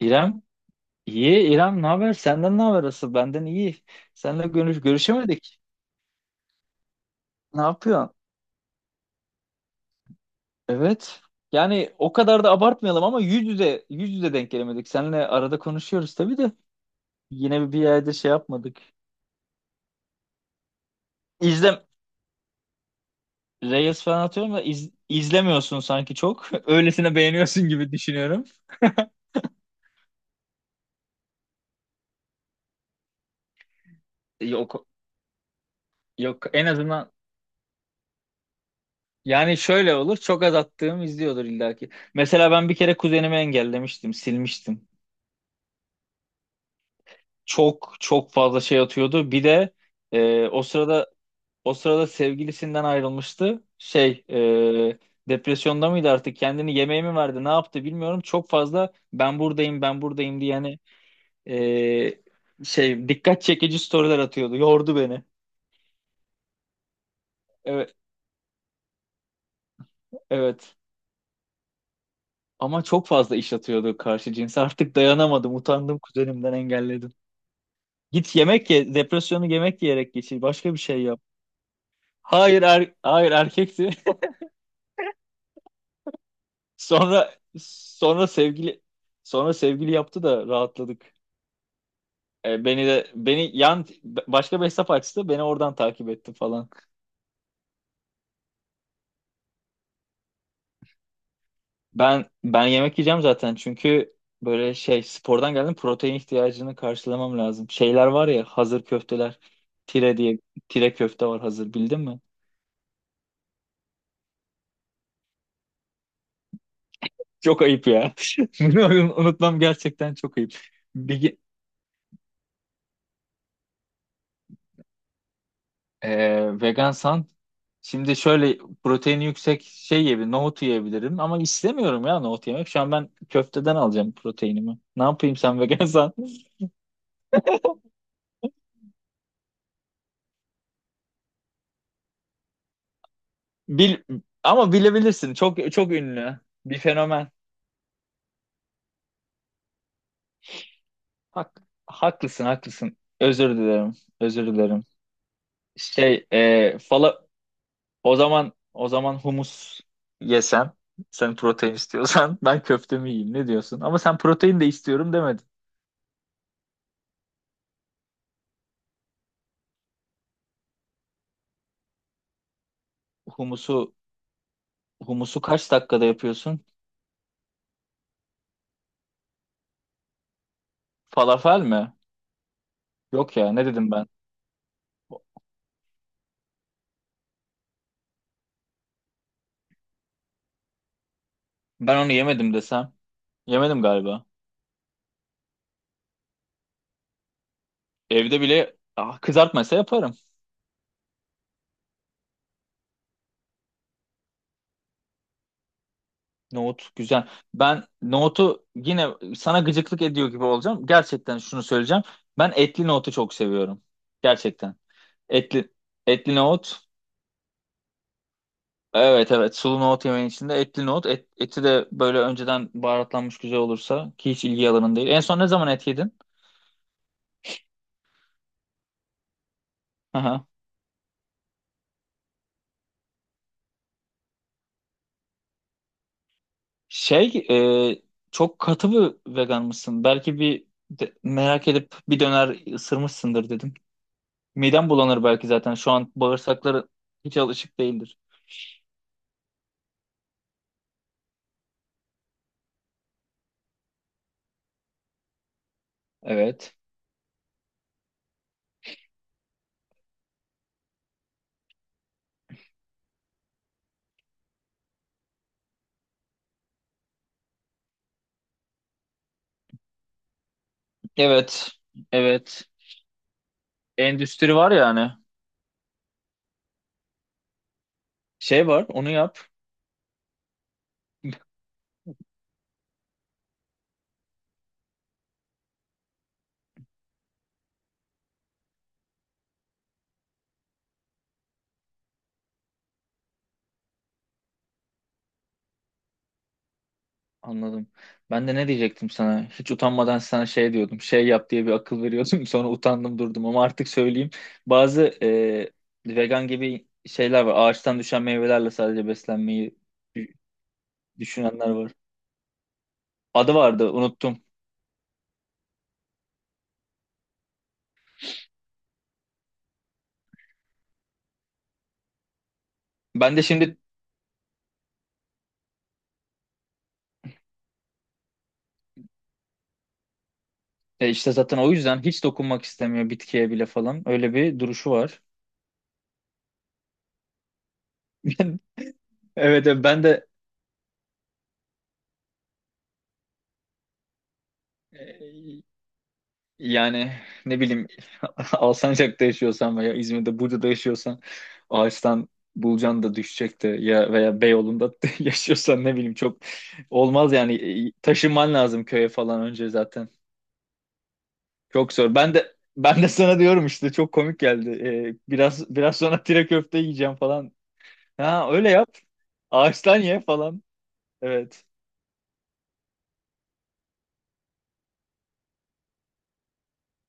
İrem, iyi. İrem, ne haber? Senden ne haber asıl? Benden iyi. Seninle görüşemedik. Ne yapıyorsun? Evet. Yani o kadar da abartmayalım ama yüz yüze denk gelemedik. Seninle arada konuşuyoruz tabii de yine bir yerde şey yapmadık. İzlem Reels falan atıyorum da izlemiyorsun sanki çok. Öylesine beğeniyorsun gibi düşünüyorum. Yok, yok, en azından yani şöyle olur, çok az attığım izliyordur illaki. Mesela ben bir kere kuzenimi engellemiştim, silmiştim. Çok çok fazla şey atıyordu. Bir de e, o sırada o sırada sevgilisinden ayrılmıştı. Şey, depresyonda mıydı, artık kendini yemeğe mi verdi ne yaptı bilmiyorum. Çok fazla ben buradayım ben buradayım diye, yani şey, dikkat çekici storyler atıyordu. Yordu beni. Evet, evet. Ama çok fazla iş atıyordu karşı cinse. Artık dayanamadım. Utandım, kuzenimden engelledim. Git yemek ye. Depresyonu yemek yiyerek geçir. Başka bir şey yap. Hayır, erkekti. Sonra sonra sevgili sonra sevgili yaptı da rahatladık. Beni de beni yan Başka bir hesap açtı. Beni oradan takip etti falan. Ben yemek yiyeceğim zaten çünkü böyle şey spordan geldim, protein ihtiyacını karşılamam lazım. Şeyler var ya, hazır köfteler. Tire diye, tire köfte var hazır, bildin mi? Çok ayıp ya. Bunu unutmam gerçekten çok ayıp. Bir, vegansan şimdi şöyle proteini yüksek şey yiyebilirim, nohut yiyebilirim ama istemiyorum ya nohut yemek. Şu an ben köfteden alacağım proteinimi. Ne yapayım, sen vegansan? Bil ama bilebilirsin. Çok çok ünlü. Bir fenomen. Hak, haklısın, haklısın. Özür dilerim. Özür dilerim. Şey, e, fala o zaman humus yesem, sen protein istiyorsan, ben köftemi yiyeyim. Ne diyorsun? Ama sen protein de istiyorum demedin. Humusu humusu kaç dakikada yapıyorsun? Falafel mi? Yok ya, ne dedim ben? Ben onu yemedim desem. Yemedim galiba. Evde bile kızartmaysa yaparım. Nohut güzel. Ben nohutu yine sana gıcıklık ediyor gibi olacağım. Gerçekten şunu söyleyeceğim. Ben etli nohutu çok seviyorum. Gerçekten. Etli etli nohut. Evet, evet, sulu nohut yemeğin içinde etli nohut. Eti de böyle önceden baharatlanmış güzel olursa, ki hiç ilgi alanın değil. En son ne zaman et yedin? Şey, e, çok katı bir vegan mısın? Belki merak edip bir döner ısırmışsındır dedim. Midem bulanır belki zaten. Şu an bağırsakları hiç alışık değildir. Evet. Evet. Evet. Endüstri var yani. Şey var, onu yap. Anladım. Ben de ne diyecektim sana? Hiç utanmadan sana şey diyordum. Şey yap diye bir akıl veriyordum. Sonra utandım durdum ama artık söyleyeyim. Bazı vegan gibi şeyler var. Ağaçtan düşen meyvelerle sadece beslenmeyi dü- düşünenler var. Adı vardı, unuttum. Ben de şimdi, işte zaten o yüzden hiç dokunmak istemiyor bitkiye bile falan. Öyle bir duruşu var. Evet, evet, ben de, e, yani, ne bileyim, Alsancak'ta yaşıyorsan veya İzmir'de Burca'da yaşıyorsan, ağaçtan bulcan da düşecekti ya, veya Beyoğlu'nda yaşıyorsan, ne bileyim, çok olmaz yani. Taşınman lazım köye falan önce zaten. Çok zor. Ben de sana diyorum işte, çok komik geldi. Biraz sonra tire köfte yiyeceğim falan. Ha, öyle yap. Ağaçtan ye falan. Evet.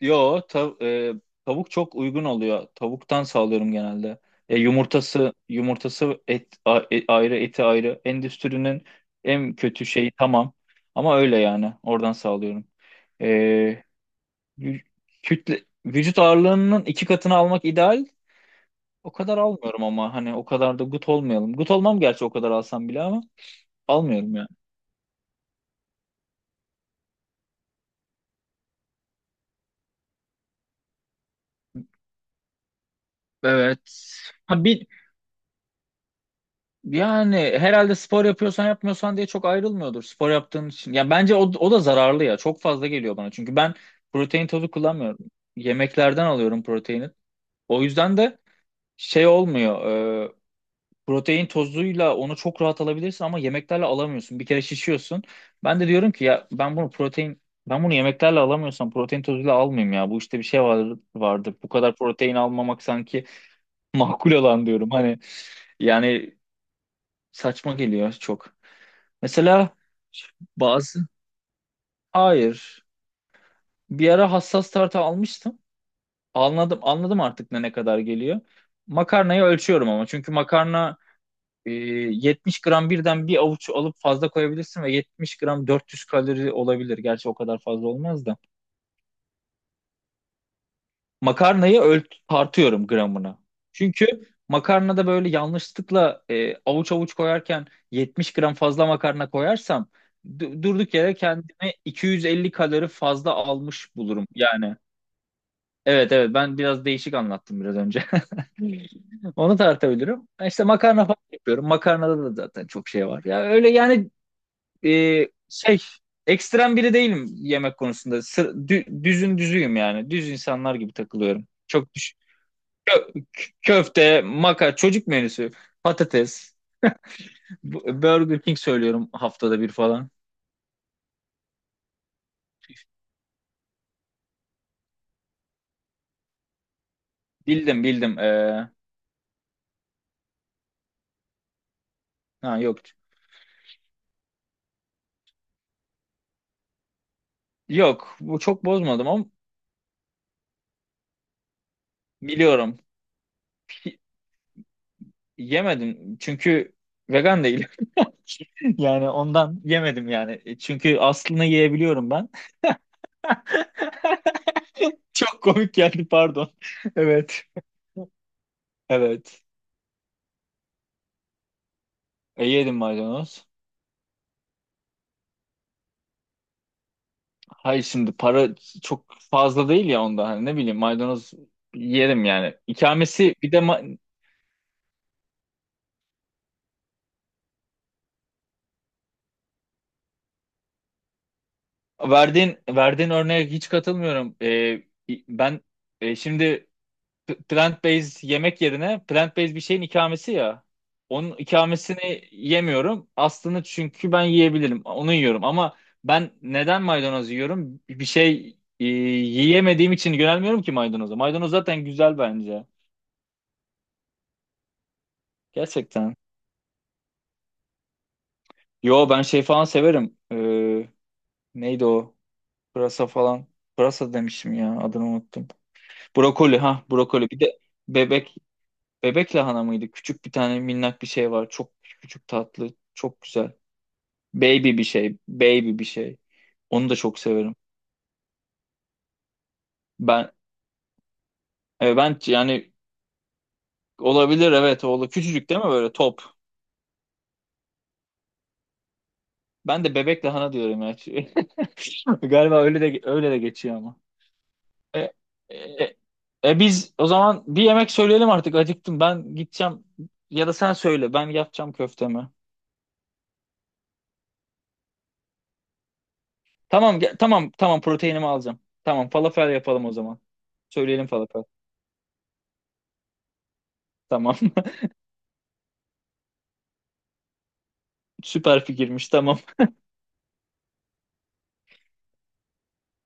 Yo, tavuk çok uygun oluyor. Tavuktan sağlıyorum genelde. Yumurtası ayrı, eti ayrı. Endüstrinin en kötü şeyi, tamam. Ama öyle yani. Oradan sağlıyorum. E, vü- kütle vücut ağırlığının iki katını almak ideal. O kadar almıyorum ama hani o kadar da gut olmayalım. Gut olmam gerçi o kadar alsam bile ama almıyorum yani. Evet. Ha, bir, Yani herhalde spor yapıyorsan yapmıyorsan diye çok ayrılmıyordur spor yaptığın için. Ya bence o da zararlı ya. Çok fazla geliyor bana. Çünkü ben protein tozu kullanmıyorum. Yemeklerden alıyorum proteini. O yüzden de şey olmuyor. e, Protein tozuyla onu çok rahat alabilirsin ama yemeklerle alamıyorsun. Bir kere şişiyorsun. Ben de diyorum ki, ya ben bunu yemeklerle alamıyorsam, protein tozuyla almayayım ya. Bu işte bir şey var, vardır. Bu kadar protein almamak sanki makul olan diyorum. Hani yani, saçma geliyor çok. Mesela bazı Hayır. Bir ara hassas tartı almıştım. Anladım, anladım, artık ne kadar geliyor. Makarnayı ölçüyorum ama çünkü makarna, e, 70 gram birden bir avuç alıp fazla koyabilirsin ve 70 gram 400 kalori olabilir. Gerçi o kadar fazla olmaz da. Makarnayı tartıyorum gramına. Çünkü makarnada böyle yanlışlıkla avuç avuç koyarken 70 gram fazla makarna koyarsam, durduk yere kendime 250 kalori fazla almış bulurum. Yani, evet, evet, ben biraz değişik anlattım biraz önce. Onu tartabilirim. İşte makarna falan yapıyorum. Makarnada da zaten çok şey var. Ya öyle yani, şey, ekstrem biri değilim yemek konusunda. Sır, dü- düzün düzüyüm yani. Düz insanlar gibi takılıyorum. Çok düş. Köfte, çocuk menüsü, patates, Burger King söylüyorum haftada bir falan. Bildim, bildim. Ha, yok. Yok, bu çok bozmadım ama biliyorum. Pi- Yemedim çünkü vegan değilim. Yani ondan yemedim yani. Çünkü aslını yiyebiliyorum ben. Çok komik geldi, pardon. Evet. Evet. Yedim maydanoz. Hayır, şimdi para çok fazla değil ya onda. Hani ne bileyim, maydanoz yerim yani. İkamesi, bir de. Verdiğin örneğe hiç katılmıyorum. Ben şimdi plant-based yemek yerine plant-based bir şeyin ikamesi ya. Onun ikamesini yemiyorum. Aslını çünkü ben yiyebilirim. Onu yiyorum ama ben neden maydanoz yiyorum? Bir şey yiyemediğim için yönelmiyorum ki maydanoza. Maydanoz zaten güzel bence. Gerçekten. Yo, ben şey falan severim. Neydi o? Pırasa falan. Pırasa demişim ya, adını unuttum. Brokoli, ha, brokoli. Bir de bebek bebek lahana mıydı? Küçük bir tane minnak bir şey var. Çok küçük, tatlı. Çok güzel. Baby bir şey. Baby bir şey. Onu da çok severim. Ben e, ben yani Olabilir, evet, oğlu. Küçücük değil mi böyle, top? Ben de bebek lahana diyorum ya. Galiba öyle de geçiyor ama. E, e, e, Biz o zaman bir yemek söyleyelim artık. Acıktım. Ben gideceğim ya da sen söyle. Ben yapacağım köftemi. Tamam, tamam, tamam, proteinimi alacağım. Tamam, falafel yapalım o zaman. Söyleyelim falafel. Tamam. Süper fikirmiş. Tamam.